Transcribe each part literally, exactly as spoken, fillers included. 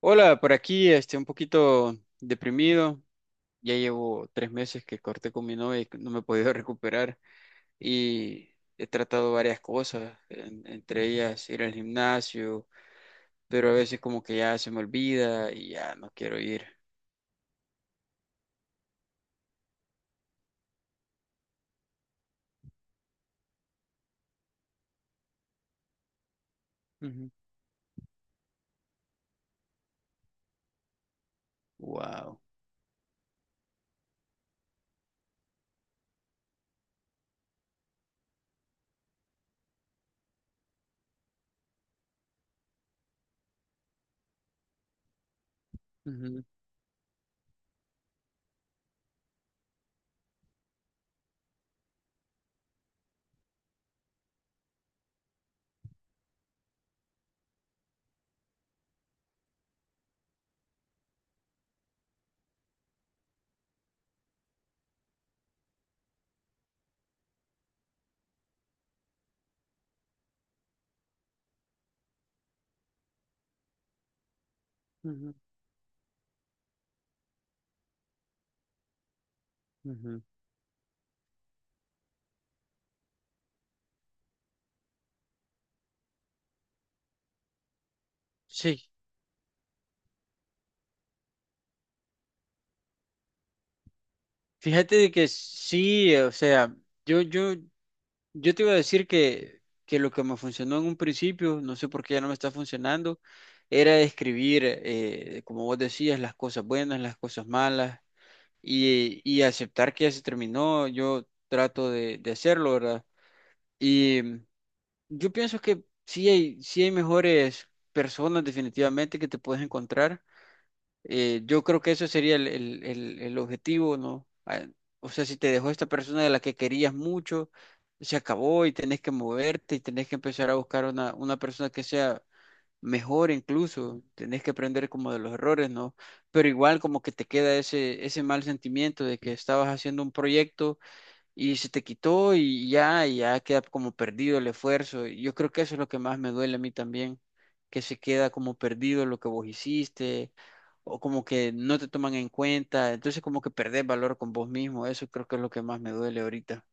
Hola, por aquí este, un poquito deprimido. Ya llevo tres meses que corté con mi novia y no me he podido recuperar. Y he tratado varias cosas, en- entre ellas ir al gimnasio, pero a veces como que ya se me olvida y ya no quiero ir. Ujú. Wow. Ujú, ujú, ujú. Sí, fíjate de que sí, o sea, yo, yo Yo te iba a decir que, que lo que me funcionó en un principio, no sé por qué ya no me está funcionando, era escribir, eh, como vos decías, las cosas buenas, las cosas malas y, y aceptar que ya se terminó. Yo trato de, de hacerlo, ¿verdad? Y mm, yo pienso que sí hay, sí hay mejores personas definitivamente que te puedes encontrar. Eh, yo creo que eso sería el, el- el- el objetivo, ¿no? Ah, o sea, si te dejó esta persona de la que querías mucho, se acabó y tenés que moverte y tenés que empezar a buscar una, una persona que sea mejor incluso, tenés que aprender como de los errores, ¿no? Pero igual como que te queda ese, ese mal sentimiento de que estabas haciendo un proyecto y se te quitó y ya, y ya queda como perdido el esfuerzo. Y yo creo que eso es lo que más me duele a mí también, que se queda como perdido lo que vos hiciste, o como que no te toman en cuenta, entonces como que perdés valor con vos mismo, eso creo que es lo que más me duele ahorita.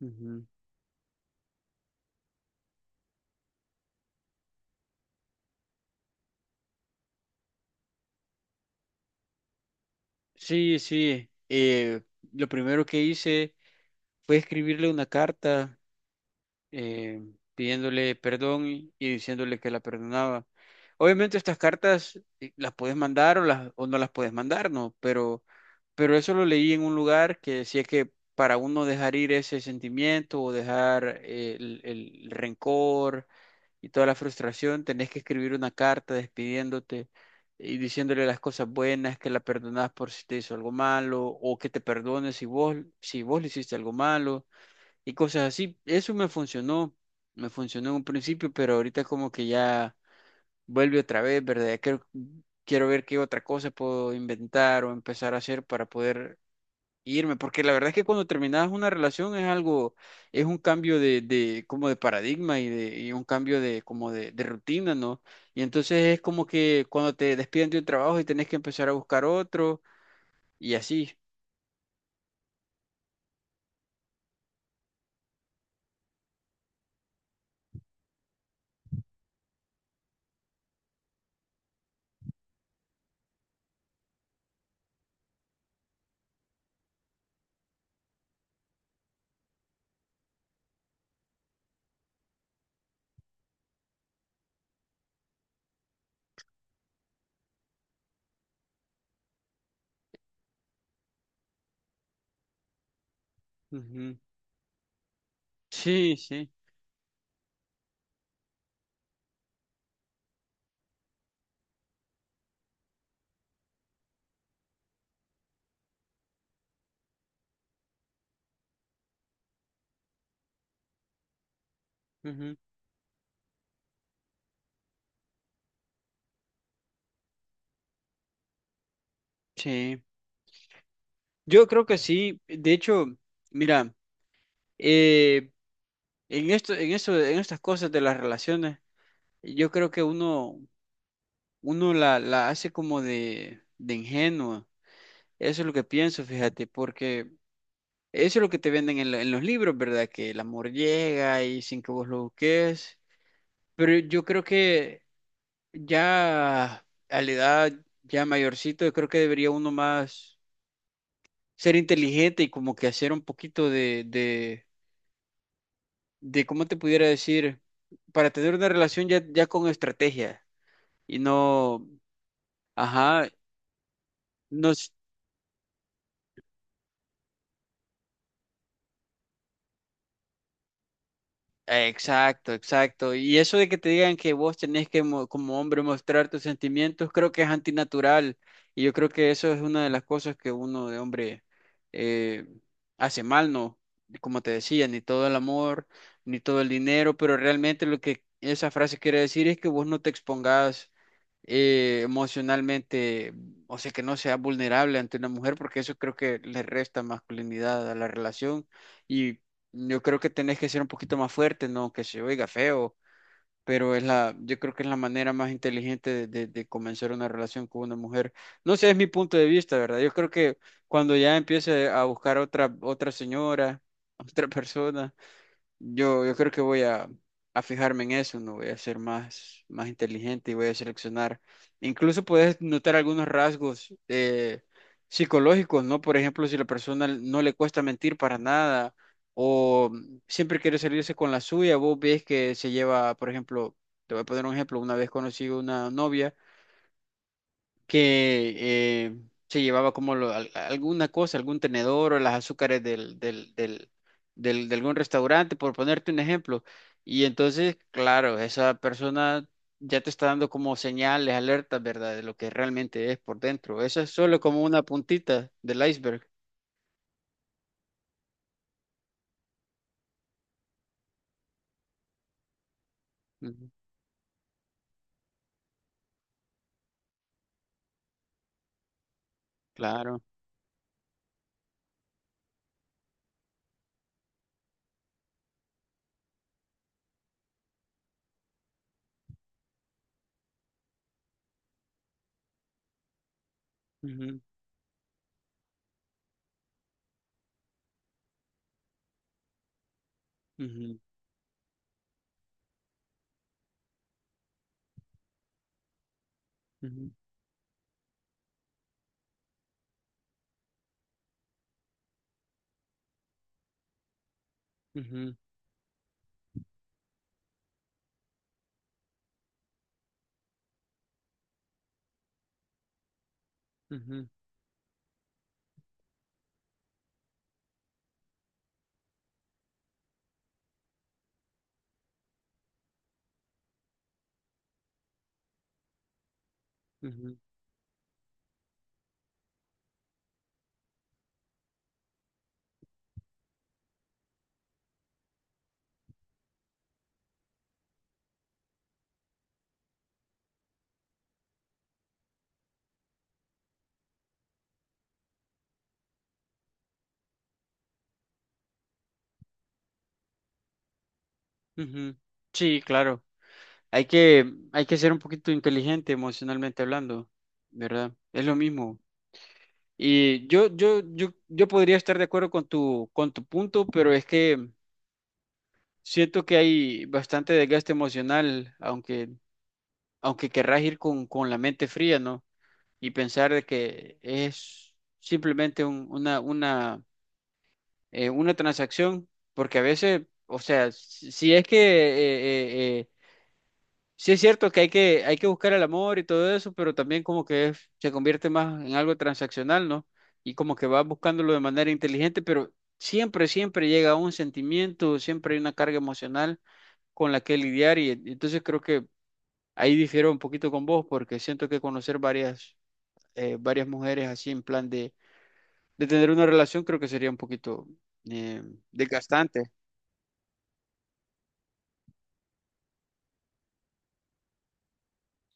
Ujú. Sí, sí, eh, lo primero que hice fue escribirle una carta eh, pidiéndole perdón y y diciéndole que la perdonaba. Obviamente estas cartas eh, las puedes mandar o, las, o no las puedes mandar, ¿no? Pero, pero eso lo leí en un lugar que decía que para uno dejar ir ese sentimiento o dejar eh, el, el rencor y toda la frustración, tenés que escribir una carta despidiéndote y diciéndole las cosas buenas, que la perdonás por si te hizo algo malo o que te perdones si vos, si vos le hiciste algo malo y cosas así. Eso me funcionó, me funcionó en un principio, pero ahorita como que ya vuelve otra vez, ¿verdad? Ya Quiero, quiero ver qué otra cosa puedo inventar o empezar a hacer para poder irme, porque la verdad es que cuando terminas una relación es algo, es un cambio de, de como de paradigma y de y un cambio de como de, de rutina, ¿no? Y entonces es como que cuando te despiden de un trabajo y tenés que empezar a buscar otro y así. Ujú. Sí, sí. Ujú, sí. Yo creo que sí. De hecho, mira, eh, en esto, en eso, en estas cosas de las relaciones, yo creo que uno, uno la, la hace como de, de ingenua. Eso es lo que pienso, fíjate, porque eso es lo que te venden en, lo- en los libros, ¿verdad? Que el amor llega y sin que vos lo busques. Pero yo creo que ya a la edad ya mayorcito, yo creo que debería uno más ser inteligente y como que hacer un poquito de cómo te pudiera decir, para tener una relación ya, ya con estrategia y no. Ajá, no, s- exacto, exacto. Y eso de que te digan que vos tenés que mo- como hombre mostrar tus sentimientos, creo que es antinatural. Y yo creo que eso es una de las cosas que uno de hombre eh, hace mal, ¿no? Como te decía, ni todo el amor, ni todo el dinero, pero realmente lo que esa frase quiere decir es que vos no te expongas eh, emocionalmente, o sea, que no sea vulnerable ante una mujer, porque eso creo que le resta masculinidad a la relación. Y yo creo que tenés que ser un poquito más fuerte, no que se oiga feo, pero es la, yo creo que es la manera más inteligente de, de- de comenzar una relación con una mujer. No sé, es mi punto de vista, ¿verdad? Yo creo que cuando ya empiece a buscar otra, otra señora, otra persona. Yo, yo creo que voy a, a fijarme en eso, no voy a ser más, más inteligente y voy a seleccionar. Incluso puedes notar algunos rasgos eh, psicológicos, ¿no? Por ejemplo, si la persona no le cuesta mentir para nada o siempre quiere salirse con la suya, vos ves que se lleva, por ejemplo, te voy a poner un ejemplo, una vez conocí una novia que eh, se llevaba como lo- al- alguna cosa, algún tenedor o las azúcares del, del, del, del- de algún restaurante, por ponerte un ejemplo. Y entonces, claro, esa persona ya te está dando como señales, alertas, ¿verdad? De lo que realmente es por dentro. Eso es solo como una puntita del iceberg. Ujú, claro. Ujú, ujú, ujú, ujú, ujú, ujú, ujú. Sí, claro. Hay que, hay que ser un poquito inteligente emocionalmente hablando, ¿verdad? Es lo mismo. Y yo, yo, yo, yo podría estar de acuerdo con tu, con tu punto, pero es que siento que hay bastante desgaste emocional, aunque, aunque querrás ir con, con la mente fría, ¿no? Y pensar de que es simplemente un- una, una, eh, una transacción, porque a veces, o sea, si si es que eh, eh, eh, Sí es cierto que hay que, hay que buscar el amor y todo eso, pero también como que es- se convierte más en algo transaccional, ¿no? Y como que vas buscándolo de manera inteligente, pero siempre, siempre llega un sentimiento, siempre hay una carga emocional con la que lidiar y en- entonces creo que ahí difiero un poquito con vos porque siento que conocer varias, eh, varias mujeres así en plan de, de tener una relación creo que sería un poquito eh, desgastante.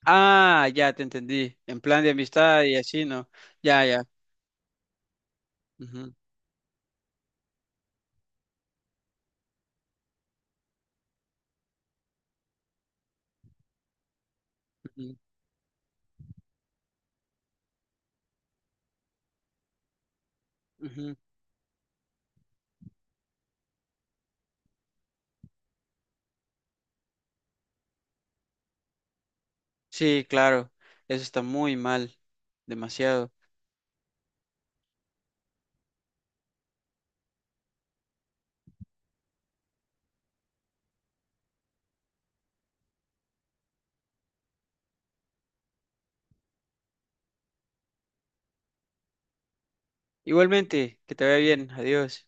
Ah, ya te entendí, en plan de amistad y así, ¿no? Ya, ya. Ujú, ujú, ujú. Sí, claro, eso está muy mal, demasiado. Igualmente, que te vaya bien, adiós.